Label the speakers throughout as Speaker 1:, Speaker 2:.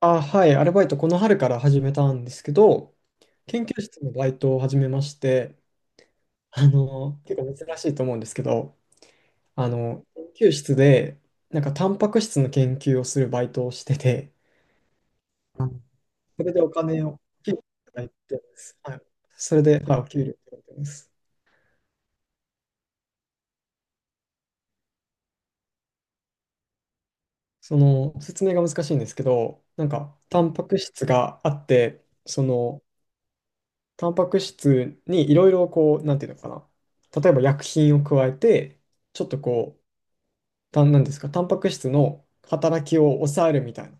Speaker 1: はい、アルバイトこの春から始めたんですけど、研究室のバイトを始めまして、結構珍しいと思うんですけど、あの、研究室で、なんかタンパク質の研究をするバイトをしてて、それでお金を、給料いただいてます。はい。それで、はい、お給料いただいてます。その、説明が難しいんですけど、なんか、タンパク質があって、その、タンパク質にいろいろこう、なんていうのかな、例えば薬品を加えて、ちょっとこう、たんなんですか、タンパク質の働きを抑えるみたいな、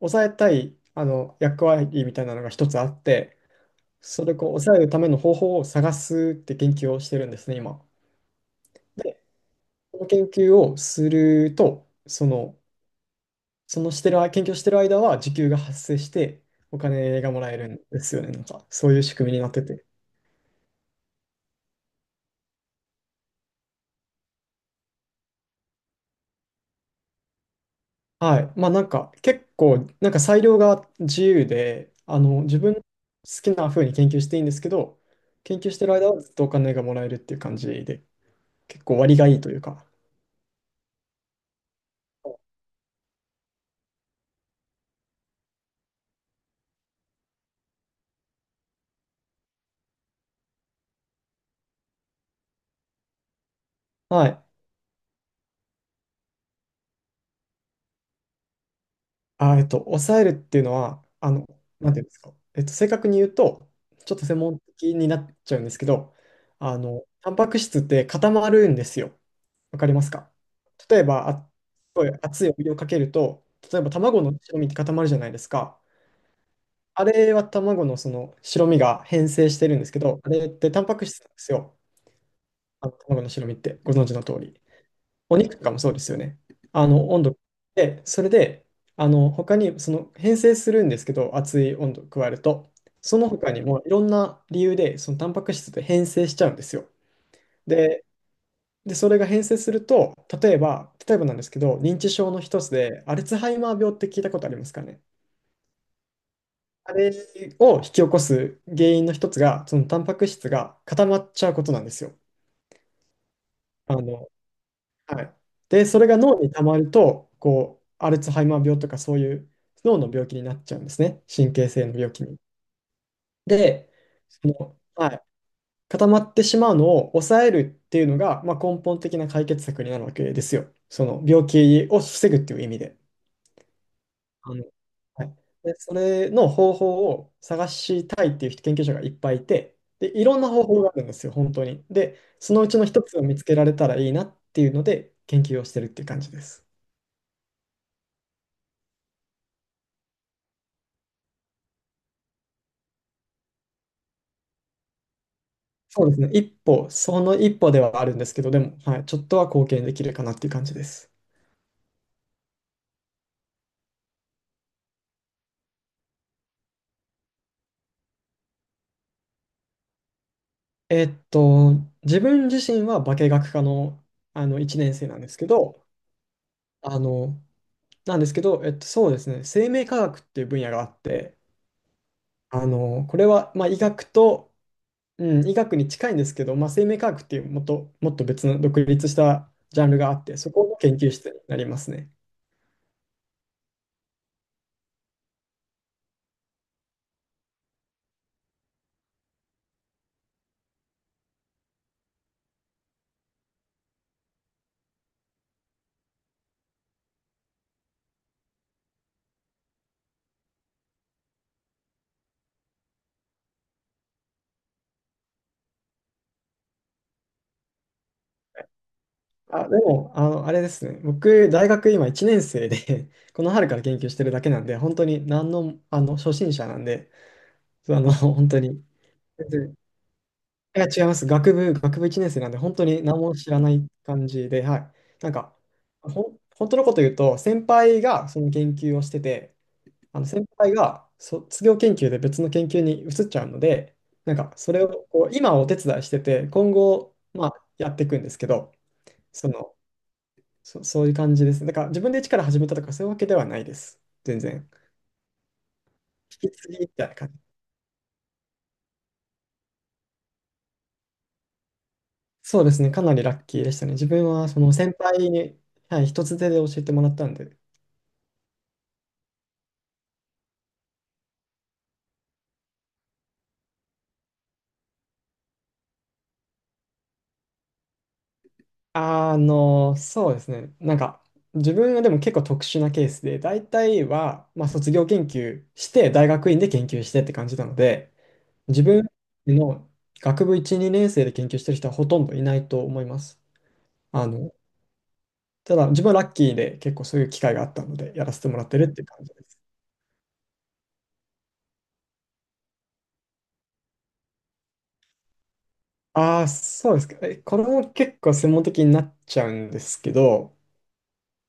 Speaker 1: 抑えたい役割みたいなのが一つあって、それをこう抑えるための方法を探すって研究をしてるんですね、今。その研究をすると、そのしてる間、研究をしてる間は時給が発生して、お金がもらえるんですよね、なんか、そういう仕組みになってて。はい。まあなんか結構なんか裁量が自由で、自分の好きな風に研究していいんですけど、研究してる間はずっとお金がもらえるっていう感じで、結構割がいいというか。はい。抑えるっていうのは、なんていうんですか。正確に言うと、ちょっと専門的になっちゃうんですけど、タンパク質って固まるんですよ。わかりますか？例えば、すごい熱いお湯をかけると、例えば卵の白身って固まるじゃないですか。あれは卵のその白身が変性してるんですけど、あれってタンパク質なんですよ。あの卵の白身ってご存知の通り。お肉とかもそうですよね。温度で、それで、他に、その、変性するんですけど、熱い温度を加えると、その他にもいろんな理由で、その、タンパク質って変性しちゃうんですよ。で、で、それが変性すると、例えばなんですけど、認知症の一つで、アルツハイマー病って聞いたことありますかね。あれを引き起こす原因の一つが、その、タンパク質が固まっちゃうことなんですよ。あの、はい。で、それが脳に溜まると、アルツハイマー病とかそういう脳の病気になっちゃうんですね。神経性の病気に。で、はい、固まってしまうのを抑えるっていうのが、まあ、根本的な解決策になるわけですよ。その病気を防ぐっていう意味で。あの、はい。で、それの方法を探したいっていう研究者がいっぱいいて、で、いろんな方法があるんですよ、本当に。で、そのうちの一つを見つけられたらいいなっていうので、研究をしてるっていう感じです。そうですね。その一歩ではあるんですけど、でも、はい、ちょっとは貢献できるかなっていう感じです。えっと、自分自身は化学科の、1年生なんですけど、あの、そうですね、生命科学っていう分野があって、これは、まあ、医学に近いんですけど、まあ、生命科学っていうもっと別の独立したジャンルがあって、そこの研究室になりますね。でも、あれですね。僕、大学今1年生で この春から研究してるだけなんで、本当に何の、初心者なんで、そう本当に、全然いや、違います。学部1年生なんで、本当に何も知らない感じで、はい。なんか、本当のこと言うと、先輩がその研究をしてて、先輩が卒業研究で別の研究に移っちゃうので、なんか、それを今お手伝いしてて、今後、まあ、やっていくんですけど、その、そういう感じです。だから自分で一から始めたとかそういうわけではないです。全然。引き継ぎみたいな感じ。そうですね。かなりラッキーでしたね。自分はその先輩に、はい、一つ手で教えてもらったんで。そうですね。なんか、自分はでも結構特殊なケースで、大体は、まあ、卒業研究して、大学院で研究してって感じなので、自分の学部1、2年生で研究してる人はほとんどいないと思います。あの、ただ、自分はラッキーで結構そういう機会があったので、やらせてもらってるっていう感じです。ああ、そうですか。これも結構専門的になっちゃうんですけど、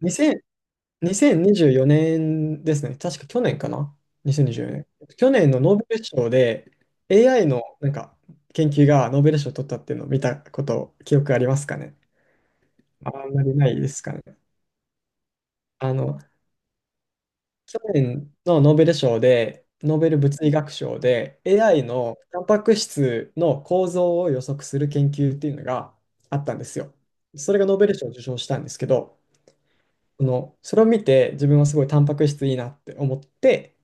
Speaker 1: 2024年ですね。確か去年かな？ 2024年。去年のノーベル賞で AI のなんか研究がノーベル賞を取ったっていうのを見たこと、記憶ありますかね？あんまりないですかね。あの、去年のノーベル賞で、ノーベル物理学賞で、AI のタンパク質の構造を予測する研究っていうのがあったんですよ。それがノーベル賞を受賞したんですけど、それを見て自分はすごいタンパク質いいなって思って、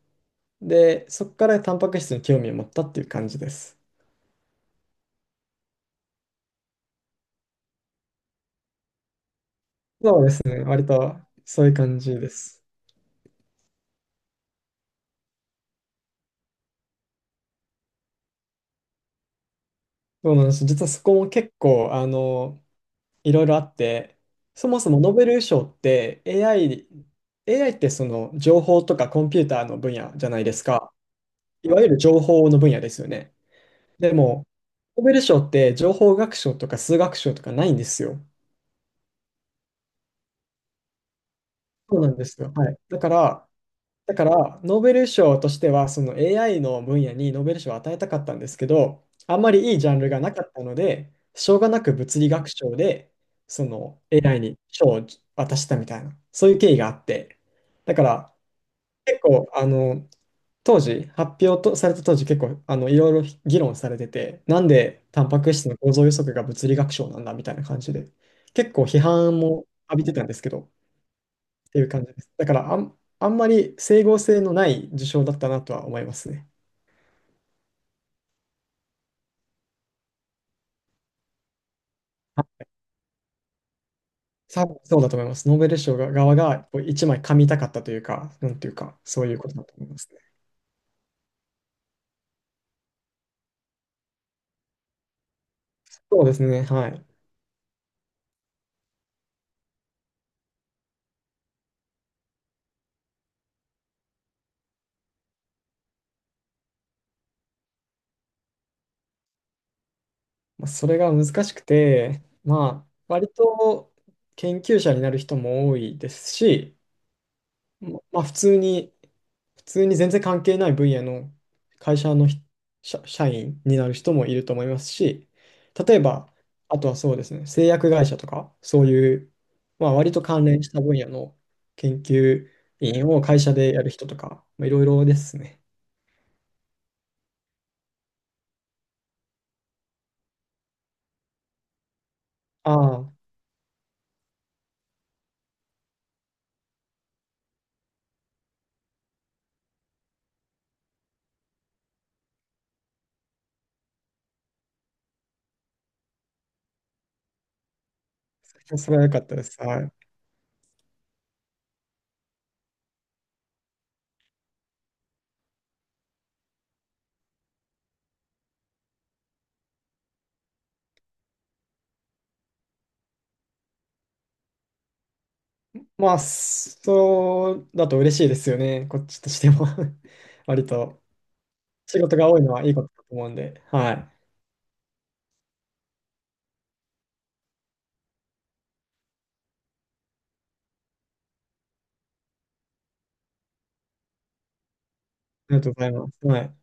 Speaker 1: で、そこからタンパク質に興味を持ったっていう感じです。そうですね、割とそういう感じです。そうなんです。実はそこも結構、いろいろあって、そもそもノーベル賞って AI ってその情報とかコンピューターの分野じゃないですか。いわゆる情報の分野ですよね。でも、ノーベル賞って情報学賞とか数学賞とかないんですよ。そうなんですよ。はい。だから、ノーベル賞としては、その AI の分野にノーベル賞を与えたかったんですけど、あんまりいいジャンルがなかったので、しょうがなく物理学賞で、その AI に賞を渡したみたいな、そういう経緯があって、だから、結構、発表とされた当時、結構、いろいろ議論されてて、なんでタンパク質の構造予測が物理学賞なんだみたいな感じで、結構批判も浴びてたんですけど、っていう感じです。だからあんまり整合性のない受賞だったなとは思いますね。あ多分そうだと思います。ノーベル賞が側がこう一枚噛みたかったというか、なんていうか、そういうことだと思いますね。そうですね、はい。まあ、それが難しくて、まあ、割と研究者になる人も多いですし、まあ普通に、全然関係ない分野の会社の社員になる人もいると思いますし、例えば、あとはそうですね、製薬会社とか、そういう、まあ割と関連した分野の研究員を会社でやる人とか、まあ、いろいろですね。ああ、それは良かったです。はい。まあ、そうだと嬉しいですよね、こっちとしても 割と仕事が多いのはいいことだと思うんで、はい。ありがとうございます。はい。